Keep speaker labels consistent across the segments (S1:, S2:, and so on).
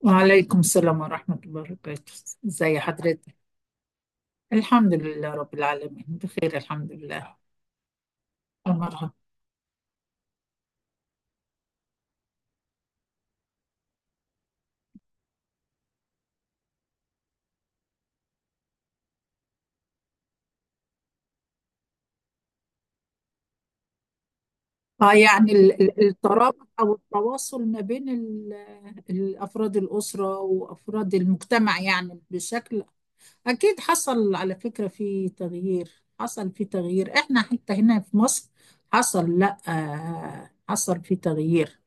S1: وعليكم السلام ورحمة الله وبركاته. ازي حضرتك؟ الحمد لله رب العالمين، بخير الحمد لله. أمرها. اه، يعني الترابط أو التواصل ما بين أفراد الأسرة وأفراد المجتمع، يعني بشكل أكيد حصل. على فكرة، في تغيير حصل، في تغيير. إحنا حتى هنا في مصر حصل، لأ حصل في تغيير.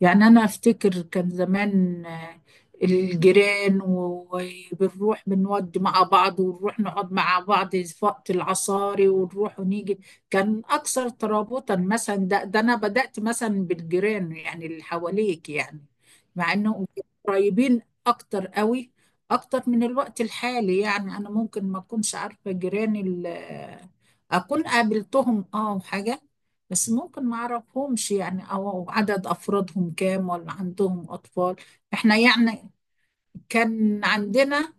S1: يعني أنا أفتكر كان زمان، الجيران وبنروح بنودي مع بعض، ونروح نقعد مع بعض في وقت العصاري، ونروح ونيجي. كان أكثر ترابطا مثلا. ده أنا بدأت مثلا بالجيران، يعني اللي حواليك يعني. مع إنهم قريبين أكتر قوي، أكتر من الوقت الحالي. يعني أنا ممكن ما أكونش عارفة جيراني، أكون قابلتهم أه وحاجة، بس ممكن ما اعرفهمش، يعني او عدد افرادهم كام، ولا عندهم اطفال. احنا يعني كان عندنا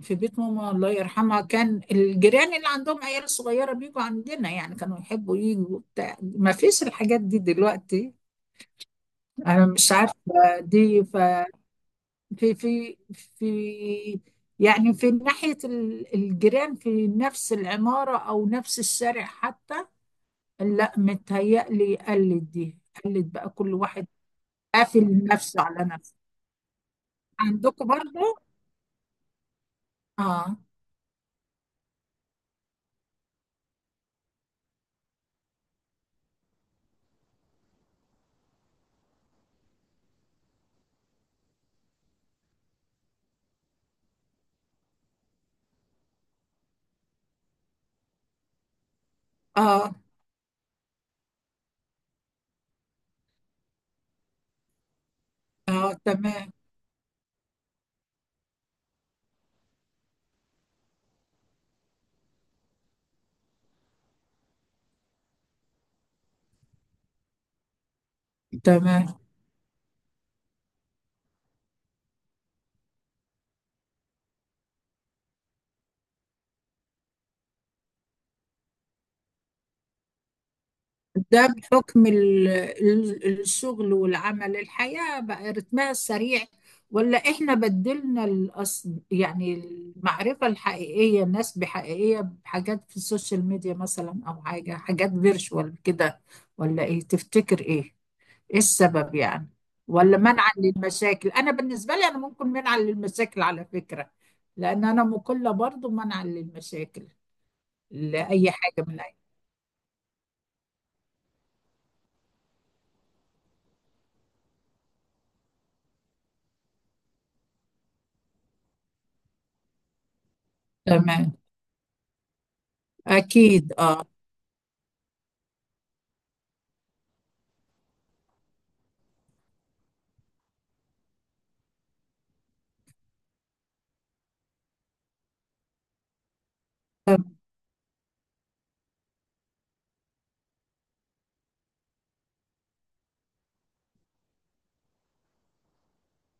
S1: في بيت ماما، الله يرحمها، كان الجيران اللي عندهم عيال صغيرة بيجوا عندنا، يعني كانوا يحبوا يجوا بتاع. ما فيش الحاجات دي دلوقتي، انا مش عارفة. دي في يعني في ناحية الجيران في نفس العمارة أو نفس الشارع حتى لا. متهيألي قلت دي، قلت بقى كل واحد قافل نفسه على نفسه. عندكم برضه؟ اه. اه. اه، تمام. تمام، ده بحكم الشغل والعمل، الحياة بقى رتمها السريع، ولا احنا بدلنا الاصل؟ يعني المعرفة الحقيقية، الناس بحقيقية، بحاجات في السوشيال ميديا مثلا، او حاجة حاجات فيرشوال كده، ولا ايه تفتكر؟ ايه ايه السبب يعني؟ ولا منعا للمشاكل؟ انا بالنسبه لي انا ممكن منعا للمشاكل، على فكره، لان انا مقله برضو منعا للمشاكل لاي حاجه من اي. تمام. اكيد اه.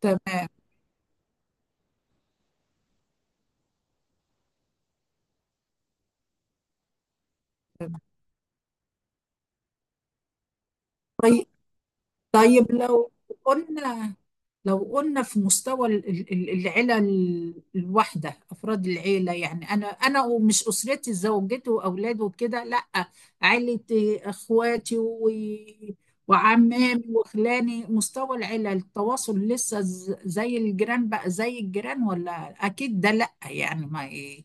S1: تمام. طيب. طيب قلنا لو قلنا في مستوى العيلة الواحدة، أفراد العيلة، يعني أنا، أنا ومش أسرتي زوجتي وأولادي وكده، لأ، عيلتي إخواتي و... وعمامي وخلاني، مستوى العيلة التواصل لسه زي الجيران؟ بقى زي الجيران، ولا أكيد ده لأ؟ يعني ما إيه.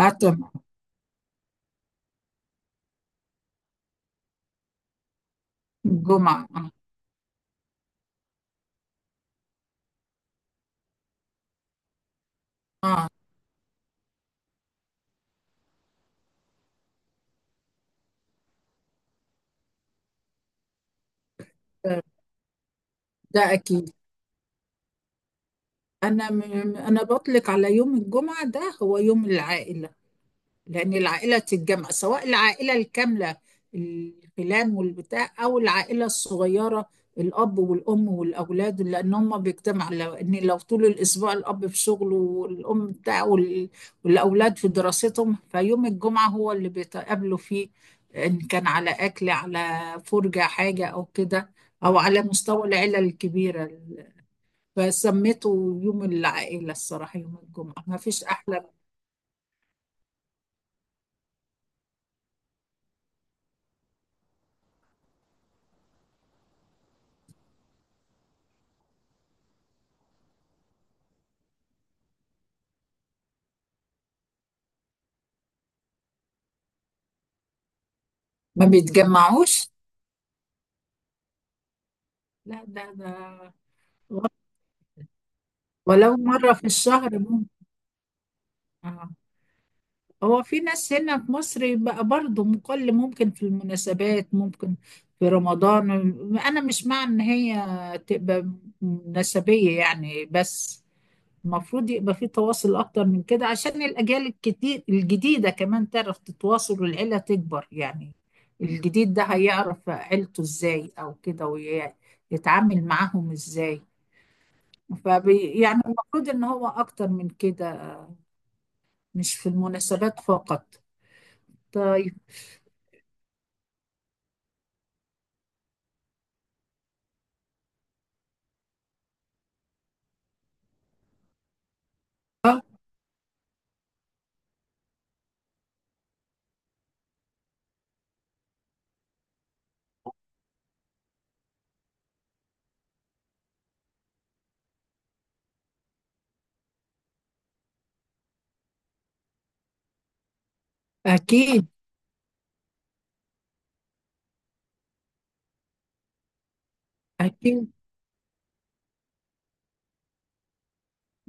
S1: هاتم. الجمعة. آه. ده أكيد. أنا م- أنا بطلق على يوم الجمعة ده هو يوم العائلة، لأن العائلة تتجمع، سواء العائلة الكاملة الخلان والبتاع، أو العائلة الصغيرة الأب والأم والأولاد، لأن هم بيجتمعوا. لأن لو طول الأسبوع الأب في شغله، والأم بتاعه، والأولاد في دراستهم، فيوم الجمعة هو اللي بيتقابلوا فيه، إن كان على أكل، على فرجة، حاجة أو كده، أو على مستوى العيلة الكبيرة. فسميته يوم العائلة، الصراحة يوم الجمعة ما فيش أحلى. ما بيتجمعوش؟ لا ده ده. ولو مرة في الشهر ممكن. آه. هو في ناس هنا في مصر بقى برضه مقل، ممكن في المناسبات ممكن، في رمضان. أنا مش مع إن هي تبقى مناسبية يعني، بس المفروض يبقى في تواصل أكتر من كده، عشان الأجيال الكتير الجديدة كمان تعرف تتواصل، والعيلة تكبر يعني، الجديد ده هيعرف عيلته إزاي، أو كده ويتعامل معاهم إزاي. فبي يعني المفروض ان هو اكتر من كده، مش في المناسبات فقط. طيب. آه، اكيد اكيد.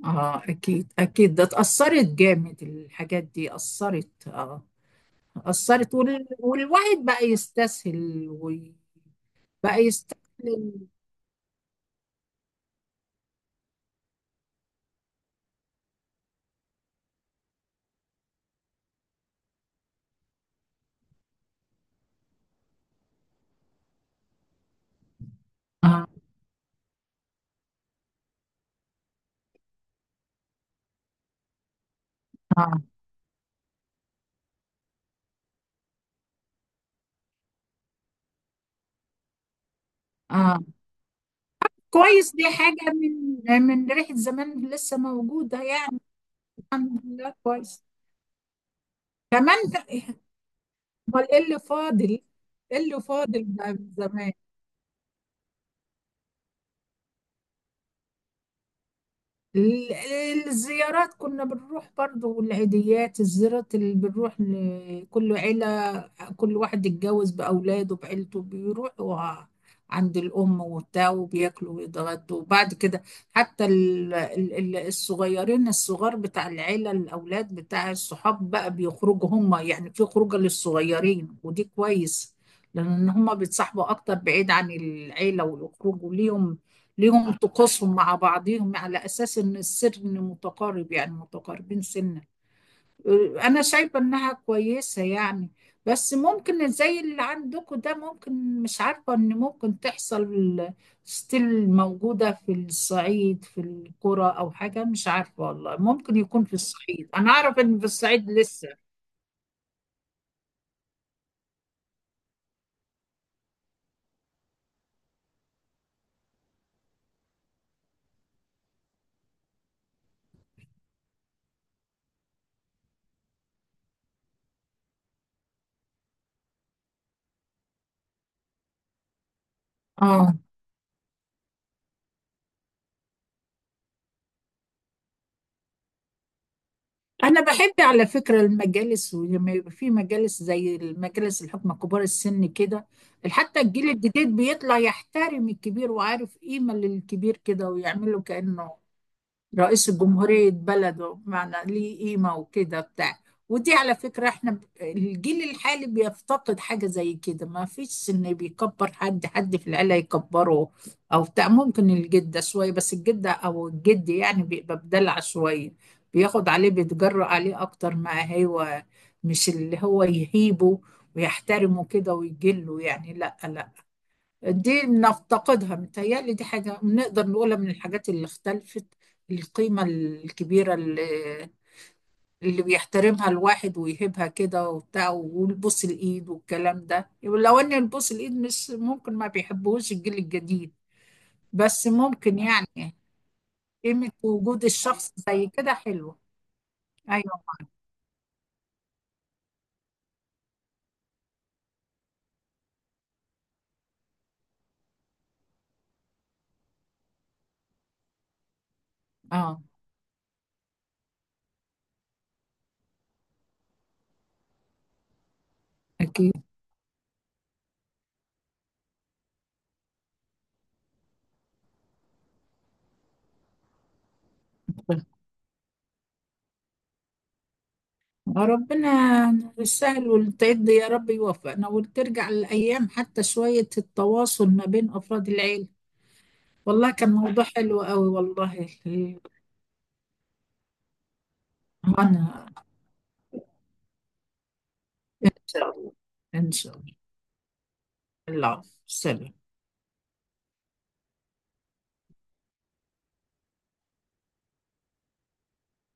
S1: اه اكيد اكيد. ده اتأثرت جامد الحاجات دي، اثرت اه، اثرت. والواحد بقى يستسهل، وبقى يستسهل. اه. اه. اه، كويس. دي حاجة من من ريحة زمان لسه موجودة يعني. الحمد لله، كويس. كمان ده- امال ايه اللي فاضل؟ ايه اللي فاضل بقى من زمان؟ الزيارات كنا بنروح برضو، والعيديات، الزيارات اللي بنروح لكل عيلة، كل واحد اتجوز بأولاده بعيلته بيروحوا عند الأم وبتاع، وبياكلوا ويتغدوا، وبعد كده حتى الصغيرين، الصغار بتاع العيلة، الأولاد بتاع الصحاب بقى بيخرجوا هم، يعني في خروجة للصغيرين، ودي كويس، لأن هم بيتصاحبوا أكتر بعيد عن العيلة، ويخرجوا ليهم، ليهم طقوسهم مع بعضهم، على أساس إن السن متقارب، يعني متقاربين سنا. انا شايفه انها كويسه يعني. بس ممكن زي اللي عندكم ده، ممكن مش عارفه، ان ممكن تحصل ستيل موجوده في الصعيد، في القرى او حاجه، مش عارفه والله، ممكن يكون في الصعيد، انا اعرف ان في الصعيد لسه. اه. انا بحب على فكره المجالس، ولما يبقى في مجالس زي المجالس الحكمه، كبار السن كده، حتى الجيل الجديد بيطلع يحترم الكبير، وعارف قيمه للكبير كده، ويعمله كانه رئيس الجمهورية بلده، بمعنى ليه قيمة وكده بتاع. ودي على فكرة احنا الجيل الحالي بيفتقد حاجة زي كده، ما فيش ان بيكبر حد، حد في العيلة يكبره او بتاع، ممكن الجدة شوية، بس الجدة او الجد يعني بيبقى بدلع شوية، بياخد عليه، بيتجرأ عليه اكتر ما هو، مش اللي هو يهيبه ويحترمه كده ويجله يعني، لا لا. دي نفتقدها، متهيألي دي حاجة نقدر نقولها من الحاجات اللي اختلفت، القيمة الكبيرة اللي بيحترمها الواحد ويهبها كده وبتاع، والبوس الإيد والكلام ده، لو إن البوس الإيد مش ممكن، ما بيحبوش الجيل الجديد، بس ممكن يعني قيمة وجود الشخص زي كده حلوة. أيوه. أه. أكيد. ربنا يسهل والتعد يا رب، يوفقنا وترجع الأيام، حتى شوية التواصل ما بين أفراد العيلة. والله كان موضوع حلو قوي والله. وأنا إن شاء الله. إن شاء الله. العفو، سلام.